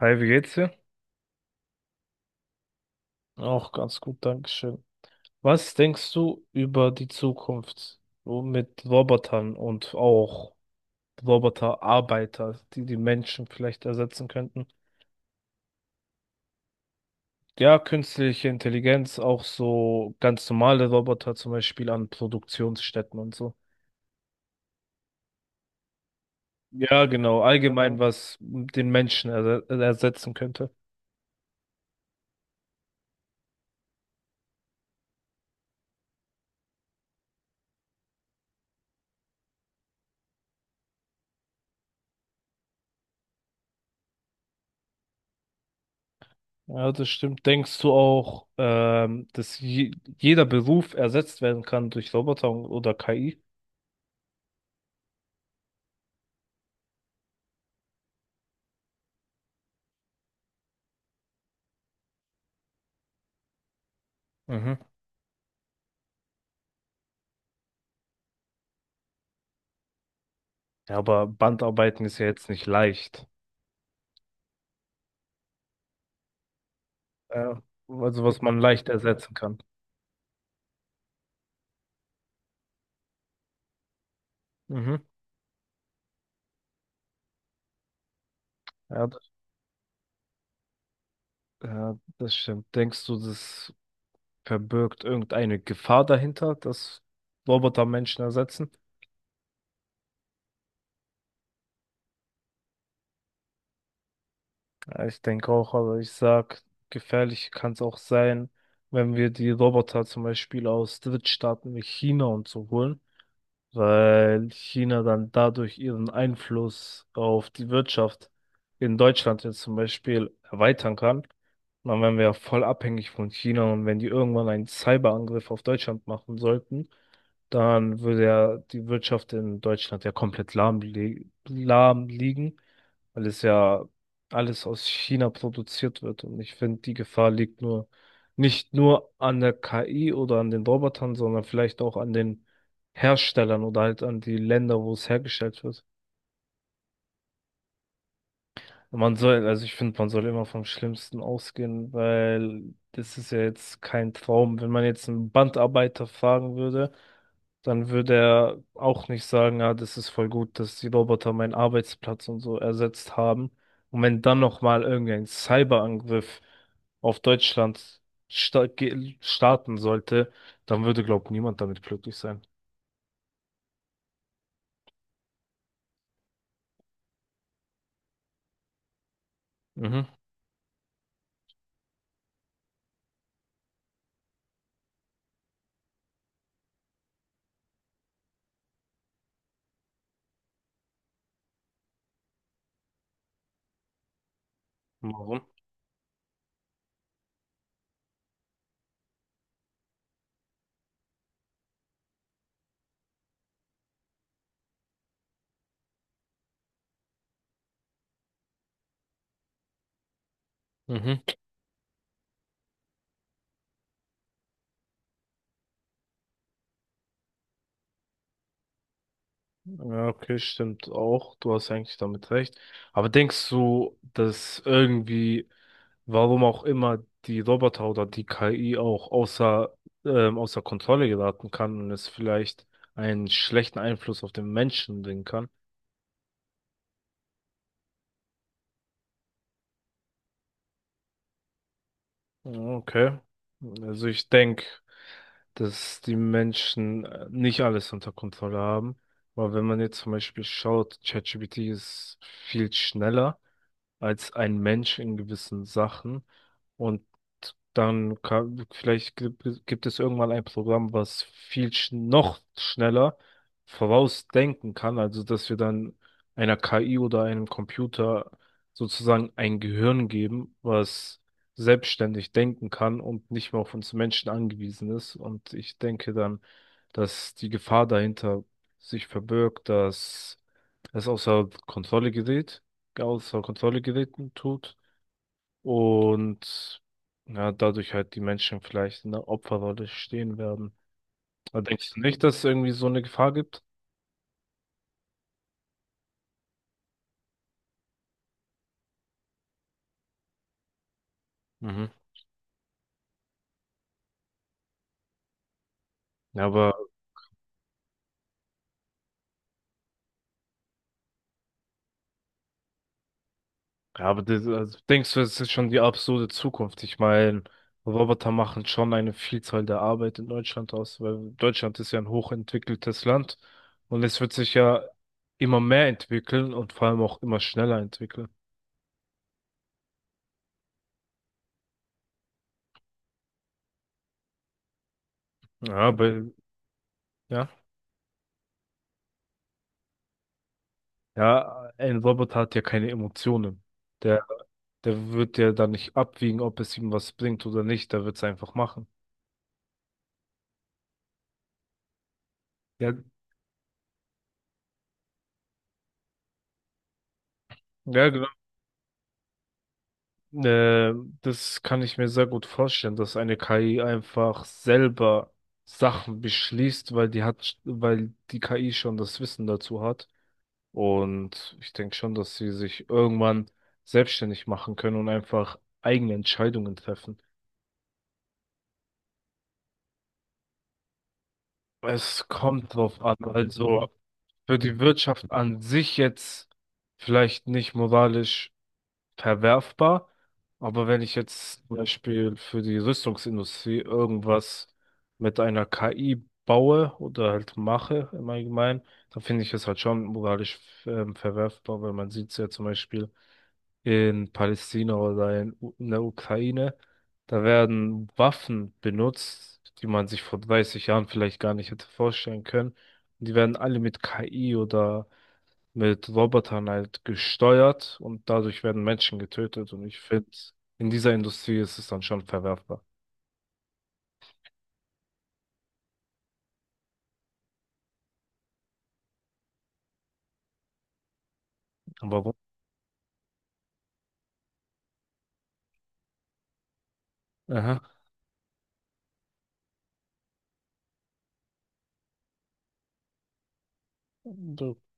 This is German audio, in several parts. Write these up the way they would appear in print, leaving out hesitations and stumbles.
Hi, wie geht's dir? Auch ganz gut, Dankeschön. Was denkst du über die Zukunft so mit Robotern und auch Roboterarbeiter, die die Menschen vielleicht ersetzen könnten? Ja, künstliche Intelligenz, auch so ganz normale Roboter, zum Beispiel an Produktionsstätten und so. Ja, genau, allgemein, was den Menschen ersetzen könnte. Ja, das stimmt. Denkst du auch, dass je jeder Beruf ersetzt werden kann durch Roboter oder KI? Ja, aber Bandarbeiten ist ja jetzt nicht leicht. Ja, also was man leicht ersetzen kann. Mhm. Ja, d- ja, das stimmt. Denkst du, das verbirgt irgendeine Gefahr dahinter, dass Roboter Menschen ersetzen? Ja, ich denke auch, aber ich sag, gefährlich kann es auch sein, wenn wir die Roboter zum Beispiel aus Drittstaaten wie China und so holen. Weil China dann dadurch ihren Einfluss auf die Wirtschaft in Deutschland jetzt zum Beispiel erweitern kann. Dann wären wir ja voll abhängig von China und wenn die irgendwann einen Cyberangriff auf Deutschland machen sollten, dann würde ja die Wirtschaft in Deutschland ja komplett lahm liegen, weil es ja alles aus China produziert wird. Und ich finde, die Gefahr liegt nur nicht nur an der KI oder an den Robotern, sondern vielleicht auch an den Herstellern oder halt an die Länder, wo es hergestellt wird. Man soll, also ich finde, man soll immer vom Schlimmsten ausgehen, weil das ist ja jetzt kein Traum. Wenn man jetzt einen Bandarbeiter fragen würde, dann würde er auch nicht sagen, ja, das ist voll gut, dass die Roboter meinen Arbeitsplatz und so ersetzt haben. Und wenn dann nochmal irgendein Cyberangriff auf Deutschland starten sollte, dann würde, glaube ich, niemand damit glücklich sein. Mhm. Warum? Mhm. Ja, okay, stimmt auch. Du hast eigentlich damit recht. Aber denkst du, dass irgendwie, warum auch immer, die Roboter oder die KI auch außer Kontrolle geraten kann und es vielleicht einen schlechten Einfluss auf den Menschen bringen kann? Ja, okay. Also ich denke, dass die Menschen nicht alles unter Kontrolle haben. Weil wenn man jetzt zum Beispiel schaut, ChatGPT ist viel schneller als ein Mensch in gewissen Sachen. Und dann vielleicht gibt es irgendwann ein Programm, was viel sch noch schneller vorausdenken kann, also dass wir dann einer KI oder einem Computer sozusagen ein Gehirn geben, was selbstständig denken kann und nicht mehr auf uns Menschen angewiesen ist. Und ich denke dann, dass die Gefahr dahinter sich verbirgt, dass es außer Kontrolle geraten tut und ja, dadurch halt die Menschen vielleicht in der Opferrolle stehen werden. Aber denkst du nicht, dass es irgendwie so eine Gefahr gibt? Mhm. Ja, aber, ja, aber das, also denkst du, es ist schon die absurde Zukunft? Ich meine, Roboter machen schon eine Vielzahl der Arbeit in Deutschland aus, weil Deutschland ist ja ein hochentwickeltes Land und es wird sich ja immer mehr entwickeln und vor allem auch immer schneller entwickeln. Ja, aber, ja. Ja, ein Roboter hat ja keine Emotionen. Der, der wird ja dann nicht abwiegen, ob es ihm was bringt oder nicht. Der wird es einfach machen. Ja, ja, genau. Äh, Das kann ich mir sehr gut vorstellen, dass eine KI einfach selber Sachen beschließt, weil die KI schon das Wissen dazu hat. Und ich denke schon, dass sie sich irgendwann selbstständig machen können und einfach eigene Entscheidungen treffen. Es kommt drauf an. Also, für die Wirtschaft an sich jetzt vielleicht nicht moralisch verwerfbar, aber wenn ich jetzt zum Beispiel für die Rüstungsindustrie irgendwas mit einer KI baue oder halt mache im Allgemeinen, dann finde ich es halt schon moralisch verwerfbar, weil man sieht es ja zum Beispiel in Palästina oder in der Ukraine, da werden Waffen benutzt, die man sich vor 30 Jahren vielleicht gar nicht hätte vorstellen können. Die werden alle mit KI oder mit Robotern halt gesteuert und dadurch werden Menschen getötet. Und ich finde, in dieser Industrie ist es dann schon verwerfbar. Aber wo? Aha.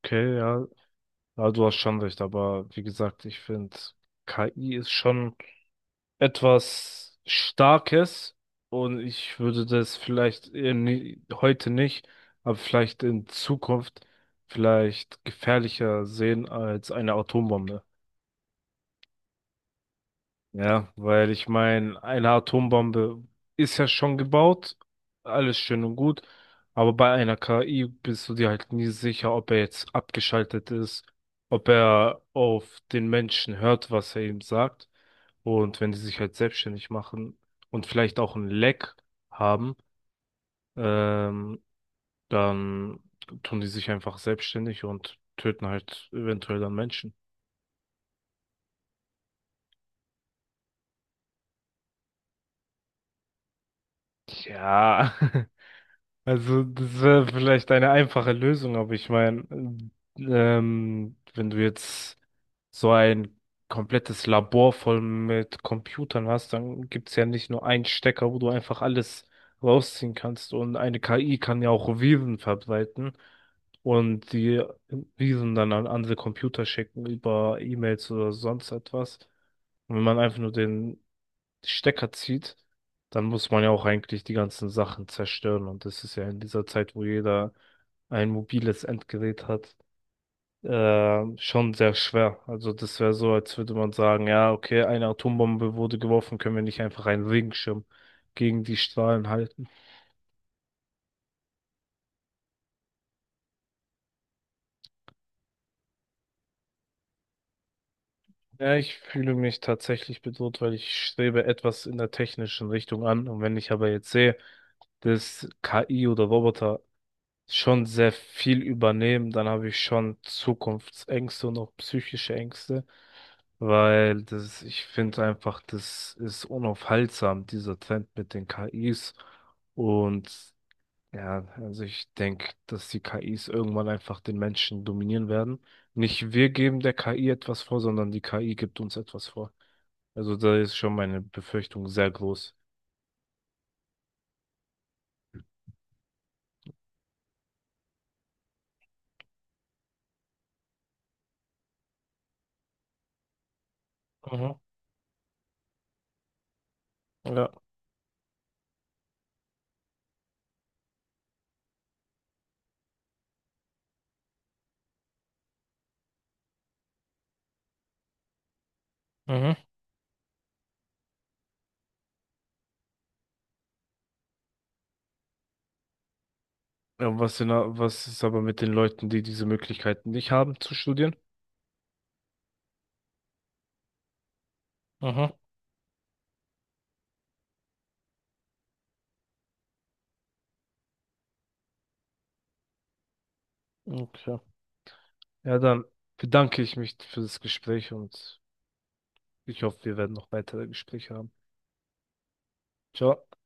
Okay, ja. Ja, du hast schon recht, aber wie gesagt, ich finde, KI ist schon etwas Starkes und ich würde das vielleicht eher heute nicht, aber vielleicht in Zukunft vielleicht gefährlicher sehen als eine Atombombe. Ja, weil ich meine, eine Atombombe ist ja schon gebaut, alles schön und gut, aber bei einer KI bist du dir halt nie sicher, ob er jetzt abgeschaltet ist, ob er auf den Menschen hört, was er ihm sagt. Und wenn die sich halt selbstständig machen und vielleicht auch ein Leck haben, ähm, dann tun die sich einfach selbstständig und töten halt eventuell dann Menschen. Ja. Also, das wäre vielleicht eine einfache Lösung, aber ich meine, wenn du jetzt so ein komplettes Labor voll mit Computern hast, dann gibt es ja nicht nur einen Stecker, wo du einfach alles rausziehen kannst. Und eine KI kann ja auch Viren verbreiten und die Viren dann an andere Computer schicken über E-Mails oder sonst etwas. Und wenn man einfach nur den Stecker zieht, dann muss man ja auch eigentlich die ganzen Sachen zerstören. Und das ist ja in dieser Zeit, wo jeder ein mobiles Endgerät hat, schon sehr schwer. Also das wäre so, als würde man sagen, ja, okay, eine Atombombe wurde geworfen, können wir nicht einfach einen Regenschirm gegen die Strahlen halten. Ja, ich fühle mich tatsächlich bedroht, weil ich strebe etwas in der technischen Richtung an. Und wenn ich aber jetzt sehe, dass KI oder Roboter schon sehr viel übernehmen, dann habe ich schon Zukunftsängste und auch psychische Ängste, weil das, ich finde einfach, das ist unaufhaltsam, dieser Trend mit den KIs. Und ja, also ich denke, dass die KIs irgendwann einfach den Menschen dominieren werden. Nicht wir geben der KI etwas vor, sondern die KI gibt uns etwas vor. Also da ist schon meine Befürchtung sehr groß. Mhm. Ja. Mhm. Ja, was ist aber mit den Leuten, die diese Möglichkeiten nicht haben zu studieren? Mhm. Okay. Ja, dann bedanke ich mich für das Gespräch und ich hoffe, wir werden noch weitere Gespräche haben. Ciao.